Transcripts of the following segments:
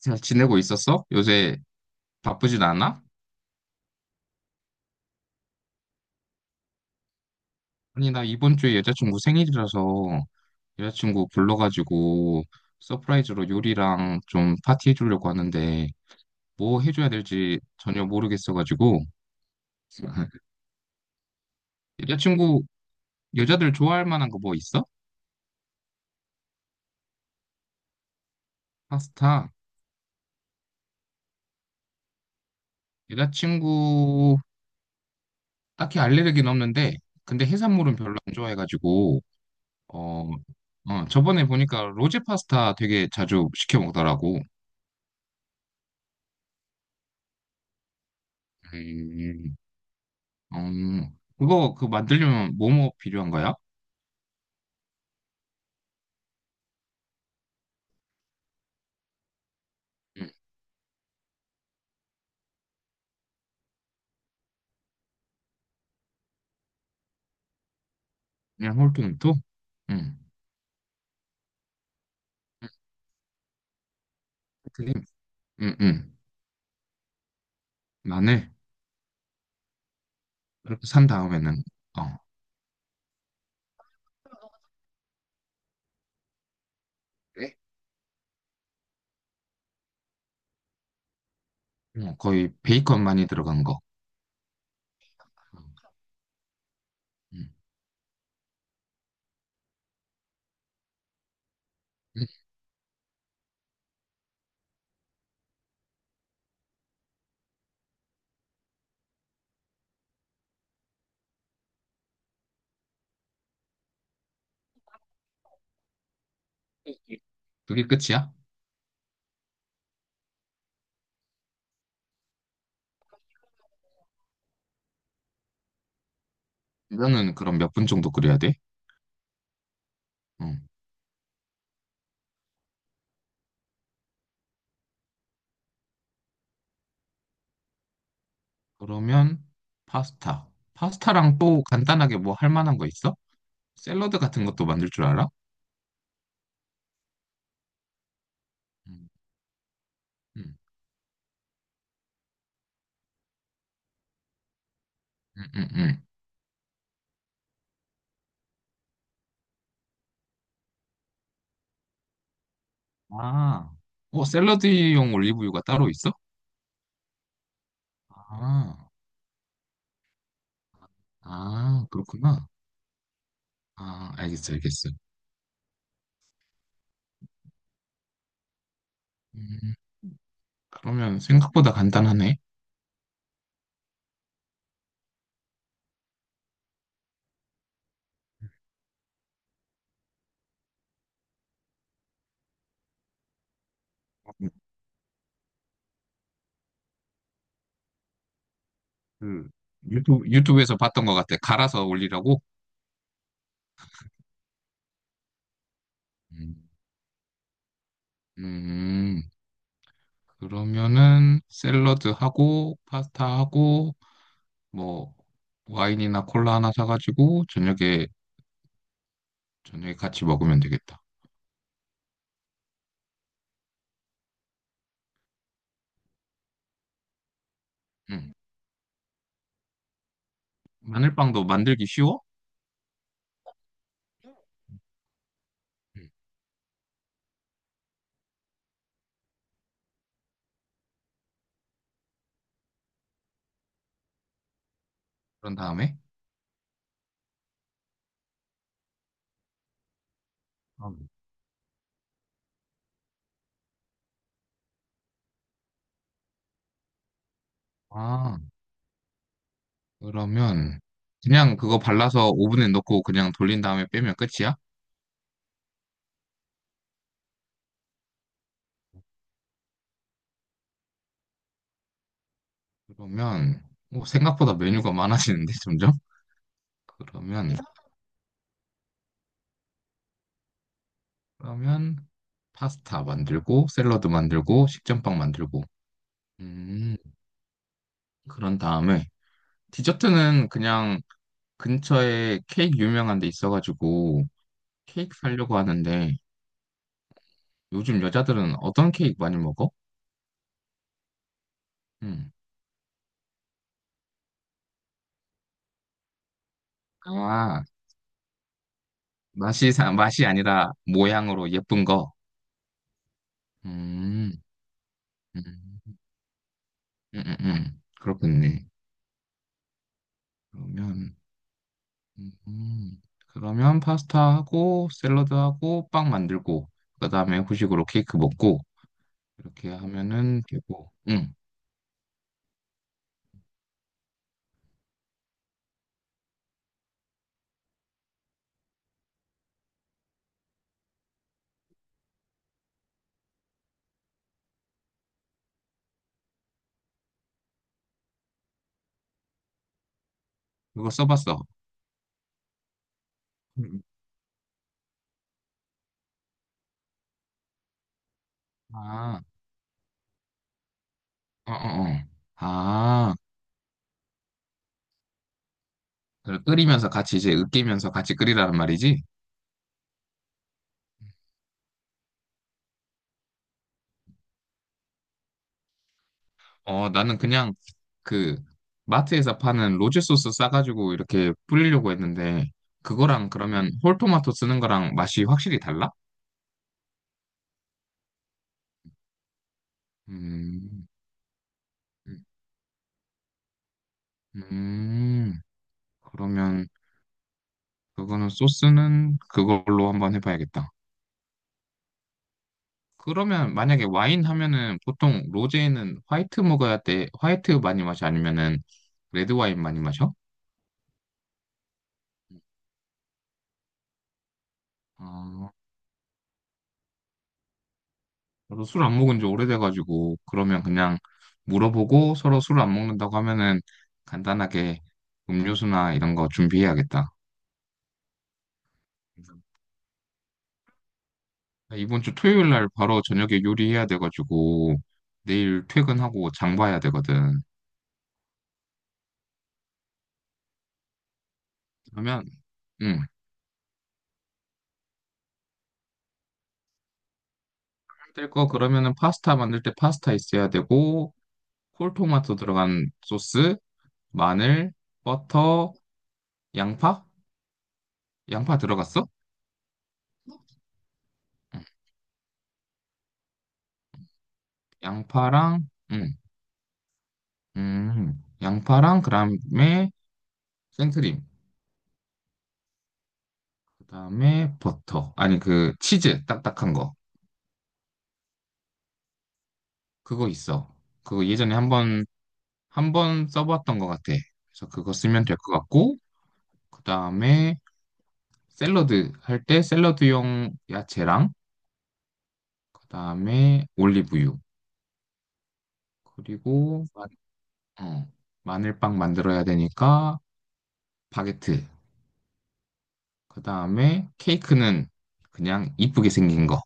잘 지내고 있었어? 요새 바쁘진 않아? 아니, 나 이번 주에 여자친구 생일이라서 여자친구 불러가지고 서프라이즈로 요리랑 좀 파티 해주려고 하는데 뭐 해줘야 될지 전혀 모르겠어가지고 여자친구, 여자들 좋아할 만한 거 뭐 있어? 파스타. 여자친구, 딱히 알레르기는 없는데 근데 해산물은 별로 안 좋아해가지고 어, 어, 저번에 보니까 로제 파스타 되게 자주 시켜 먹더라고. 음. 음, 그거 만들려면 뭐뭐 필요한 거야? 응. 그냥 홀토마토? 응. 응. 림. 응, 응. 마늘. 이렇게 산 다음에는? 어. 그래? 응, 거의 베이컨 많이 들어간 거. 응. 응. 그게 끝이야? 면은 그럼 몇 분 정도 끓여야 돼? 응. 그러면 파스타. 파스타랑 또 간단하게 뭐 할 만한 거 있어? 샐러드 같은 것도 만들 줄 알아? 응. 응. 응. 응. 응. 아. 샐러드용 올리브유가 따로 있어? 아. 아, 그렇구나. 아, 알겠어, 알겠어. 음, 그러면 생각보다 간단하네. 음, 그 유튜브에서 봤던 것 같아. 갈아서 올리라고? 음, 음, 그러면은 샐러드하고 파스타하고 뭐 와인이나 콜라 하나 사가지고 저녁에 같이 먹으면 되겠다. 음, 마늘빵도 만들기 쉬워? 음, 그런 다음에? 아, 그러면 그냥 그거 발라서 오븐에 넣고 그냥 돌린 다음에 빼면 끝이야? 그러면 오, 생각보다 메뉴가 많아지는데 점점? 그러면 그러면 파스타 만들고 샐러드 만들고 식전빵 만들고 음 그런 다음에 디저트는 그냥 근처에 케이크 유명한 데 있어가지고 케이크 사려고 하는데 요즘 여자들은 어떤 케이크 많이 먹어? 음. 아, 맛이 아니라 모양으로 예쁜 거. 음. 음. 그렇겠네. 그러면, 음, 음. 그러면 파스타하고 샐러드하고 빵 만들고, 그 다음에 후식으로 케이크 먹고, 이렇게 하면은 되고, 응. 이거 써봤어. 음. 아, 어, 어, 어. 아, 그걸 끓이면서 같이 이제 으깨면서 같이 끓이라는 말이지? 어, 나는 그냥 그 마트에서 파는 로제 소스 싸가지고 이렇게 뿌리려고 했는데, 그거랑 그러면 홀토마토 쓰는 거랑 맛이 확실히 달라? 음. 음. 음, 그러면 그거는 소스는 그걸로 한번 해봐야겠다. 그러면 만약에 와인 하면은 보통 로제는 화이트 먹어야 돼. 화이트 많이 마셔? 아니면은 레드 와인 많이 마셔? 아, 저도 술 안 먹은 지 오래돼가지고 그러면 그냥 물어보고 서로 술 안 먹는다고 하면은 간단하게 음료수나 이런 거 준비해야겠다. 이번 주 토요일 날 바로 저녁에 요리해야 돼가지고 내일 퇴근하고 장 봐야 되거든. 그러면 음, 될 거, 그러면은 파스타 만들 때 파스타 있어야 되고 콜토마토 들어간 소스, 마늘, 버터, 양파? 양파 들어갔어? 응. 양파랑 응, 양파랑 그다음에 생크림, 그다음에 버터. 아니, 그 치즈 딱딱한 거. 그거 있어. 그거 예전에 한번 써봤던 것 같아. 그래서 그거 쓰면 될 것 같고 그다음에 샐러드 할 때 샐러드용 야채랑 그다음에 올리브유. 그리고 어, 마늘빵 만들어야 되니까 바게트. 그 다음에 케이크는 그냥 이쁘게 생긴 거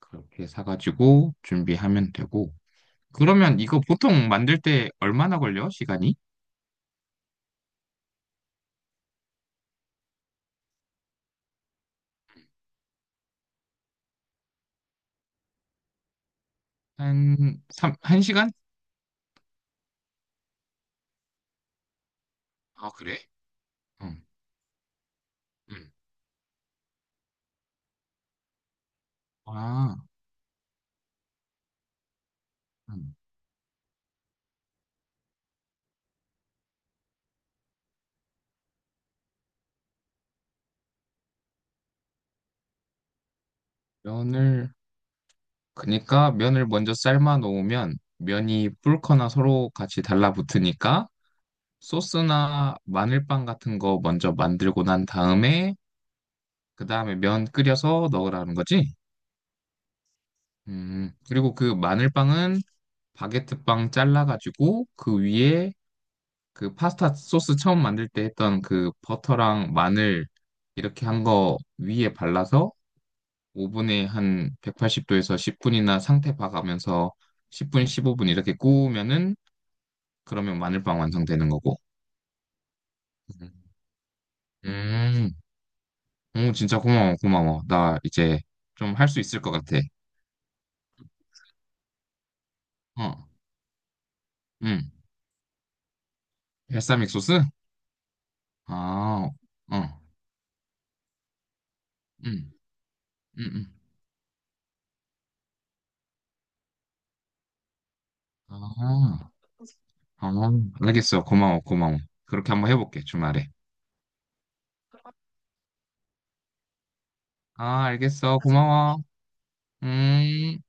그렇게 사가지고 준비하면 되고. 그러면 이거 보통 만들 때 얼마나 걸려? 시간이? 한 1시간. 아, 그래? 응. 응. 아, 음. 면을 그러니까 면을 먼저 삶아 놓으면 면이 불거나 서로 같이 달라붙으니까 소스나 마늘빵 같은 거 먼저 만들고 난 다음에 그 다음에 면 끓여서 넣으라는 거지? 그리고 그 마늘빵은 바게트빵 잘라가지고 그 위에 그 파스타 소스 처음 만들 때 했던 그 버터랑 마늘 이렇게 한 거 위에 발라서 오븐에 한 180도에서 10분이나 상태 봐가면서 10분, 15분 이렇게 구우면은 그러면 마늘빵 완성되는 거고. 음, 오, 진짜 고마워, 고마워. 나 이제 좀 할 수 있을 것 같아. 어, 음, 발사믹 소스? 아, 어, 응, 응, 응. 아, 아, 알겠어. 고마워, 고마워. 그렇게 한번 해볼게, 주말에. 아, 알겠어. 고마워. 음.